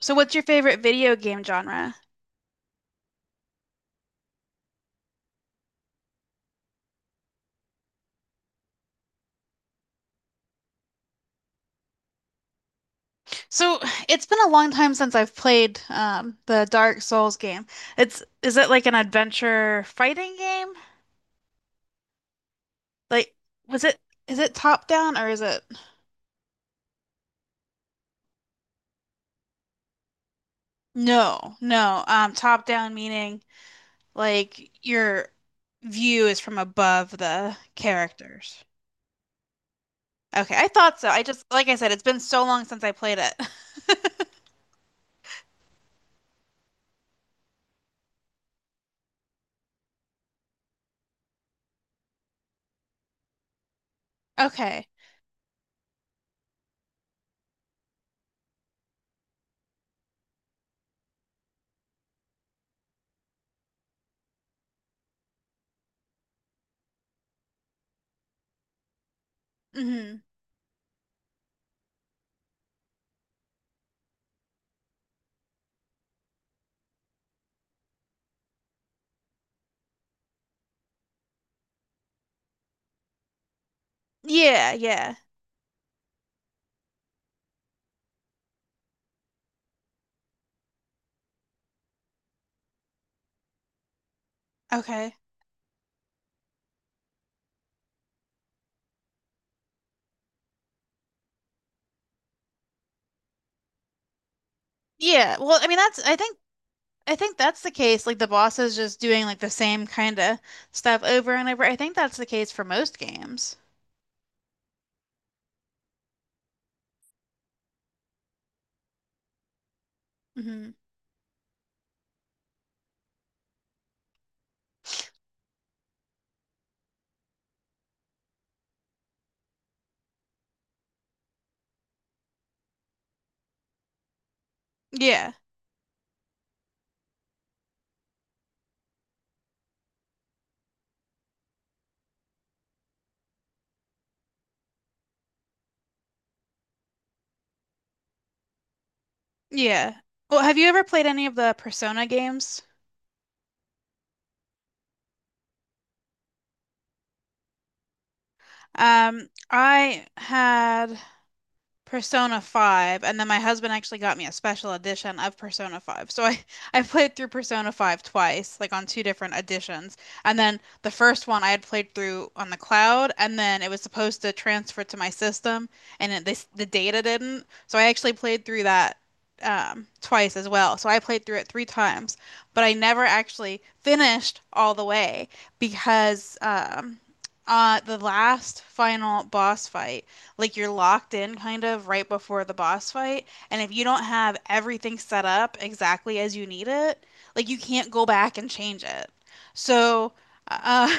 So, what's your favorite video game genre? So, it's been a long time since I've played the Dark Souls game. It's is it like an adventure fighting game? Like, was it is it top down or is it no, no. Top down meaning like your view is from above the characters. Okay, I thought so. I just like I said, it's been so long since I played it. Okay. Hmm. Yeah, yeah. Okay. Yeah. Well, I mean that's I think. I think that's the case. Like the boss is just doing like the same kind of stuff over and over. I think that's the case for most games. Hmm. Yeah. Yeah. Well, have you ever played any of the Persona games? I had Persona 5, and then my husband actually got me a special edition of Persona 5. So I I played through Persona 5 twice, like on two different editions. And then the first one I had played through on the cloud, and then it was supposed to transfer to my system, and it, this the data didn't. So I actually played through that twice as well. So I played through it three times, but I never actually finished all the way because the last final boss fight like you're locked in kind of right before the boss fight. And if you don't have everything set up exactly as you need it, like you can't go back and change it. So, uh,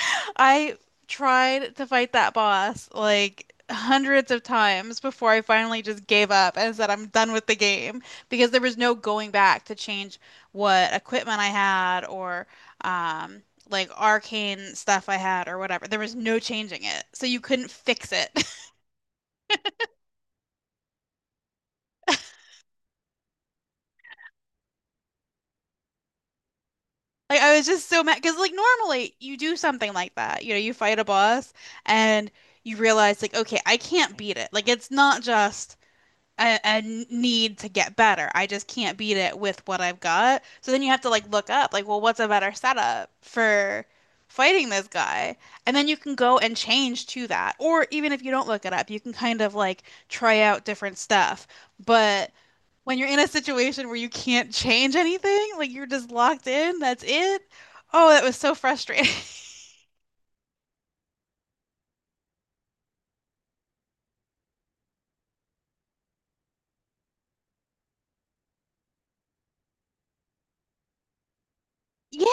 I tried to fight that boss like hundreds of times before I finally just gave up and said, I'm done with the game because there was no going back to change what equipment I had, or, um, like arcane stuff I had or whatever. There was no changing it. So you couldn't fix it. Like I was just so mad because like normally you do something like that. You know, you fight a boss and you realize like, okay, I can't beat it. Like it's not just a need to get better. I just can't beat it with what I've got. So then you have to like look up like, well, what's a better setup for fighting this guy? And then you can go and change to that. Or even if you don't look it up, you can kind of like try out different stuff. But when you're in a situation where you can't change anything, like you're just locked in, that's it. Oh, that was so frustrating. Yeah.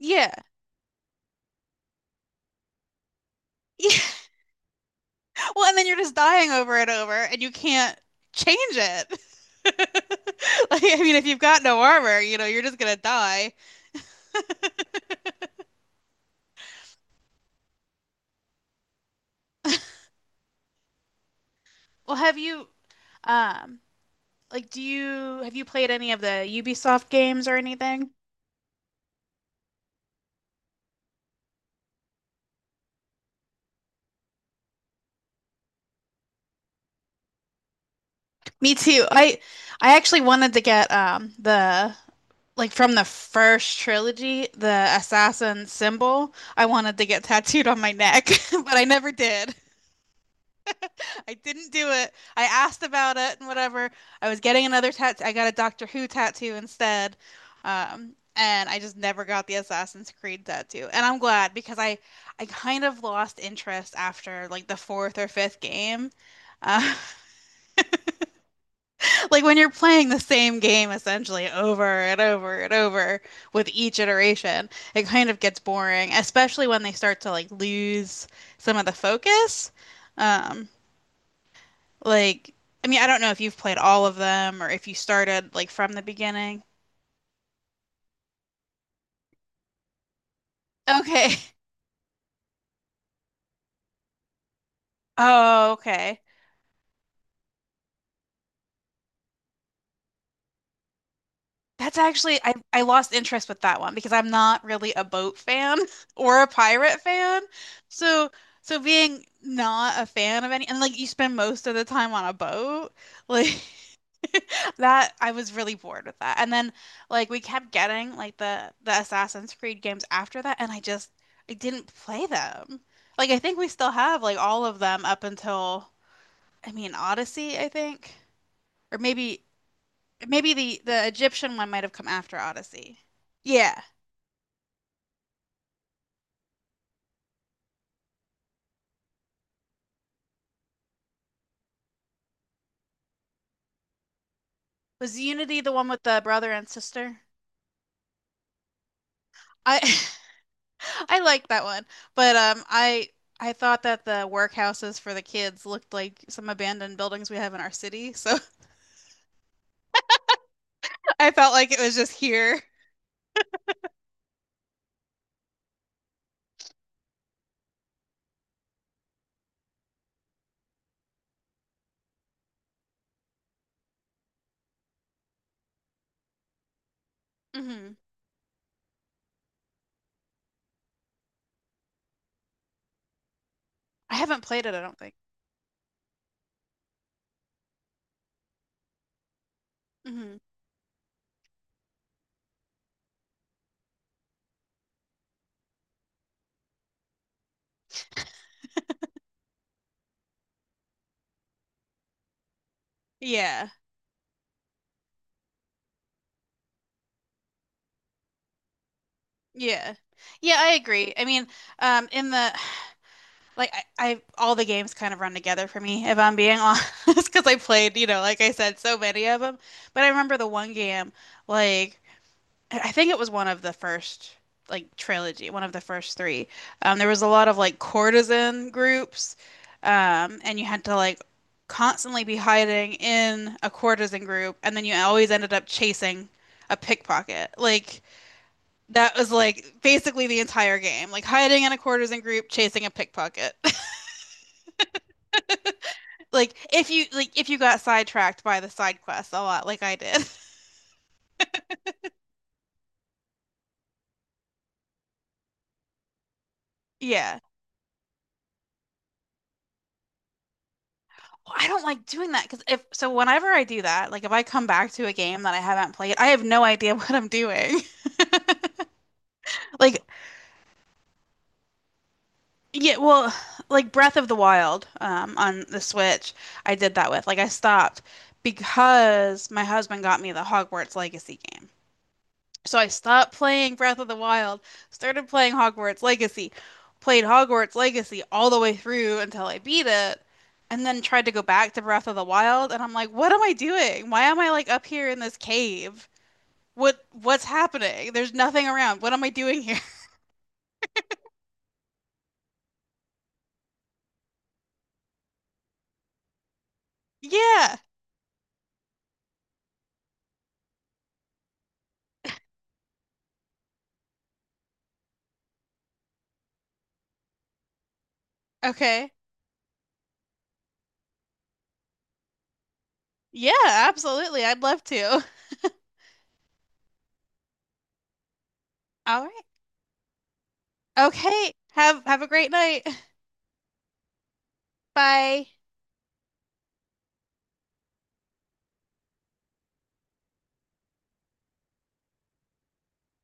Yeah. Yeah. Well, and then you're just dying over and over and you can't change it. Like, I mean, if you've got no armor, you know, you're just gonna die. Well, have you, um, like, do you have you played any of the Ubisoft games or anything? Me too. I actually wanted to get the like from the first trilogy, the assassin symbol, I wanted to get tattooed on my neck, but I never did. I didn't do it. I asked about it and whatever. I was getting another tattoo. I got a Doctor Who tattoo instead. And I just never got the Assassin's Creed tattoo. And I'm glad because I kind of lost interest after like the fourth or fifth game. Uh, like when you're playing the same game essentially over and over and over with each iteration, it kind of gets boring, especially when they start to like lose some of the focus. Um, like, I mean, I don't know if you've played all of them or if you started like from the beginning. Okay. Oh, okay. That's actually I lost interest with that one because I'm not really a boat fan or a pirate fan. So so being not a fan of any and like you spend most of the time on a boat, like that I was really bored with that. And then like we kept getting like the Assassin's Creed games after that and I didn't play them. Like I think we still have like all of them up until I mean Odyssey, I think. Or maybe the Egyptian one might have come after Odyssey. Yeah. Was Unity the one with the brother and sister? I I like that one, but I thought that the workhouses for the kids looked like some abandoned buildings we have in our city, so I felt like it was just here. Hmm. I haven't played it, I don't think. Hmm. Yeah. Yeah. Yeah, I agree. I mean, in the like I all the games kind of run together for me if I'm being honest because I played you know like I said so many of them but I remember the one game like I think it was one of the first like trilogy one of the first three there was a lot of like courtesan groups, and you had to like constantly be hiding in a courtesan group and then you always ended up chasing a pickpocket like that was like basically the entire game like hiding in a courtesan group chasing a pickpocket. Like if you got sidetracked by the side quests a lot, like I did. Yeah. I don't like doing that because if so, whenever I do that, like if I come back to a game that I haven't played, I have no idea what I'm doing. Like, yeah, well, like Breath of the Wild on the Switch, I did that with. Like, I stopped because my husband got me the Hogwarts Legacy game. So I stopped playing Breath of the Wild, started playing Hogwarts Legacy, played Hogwarts Legacy all the way through until I beat it, and then tried to go back to Breath of the Wild, and I'm like, what am I doing? Why am I like up here in this cave? What's happening? There's nothing around. What am I doing here? Yeah. Okay. Yeah, absolutely. I'd love to. All right. Okay. Have a great night. Bye.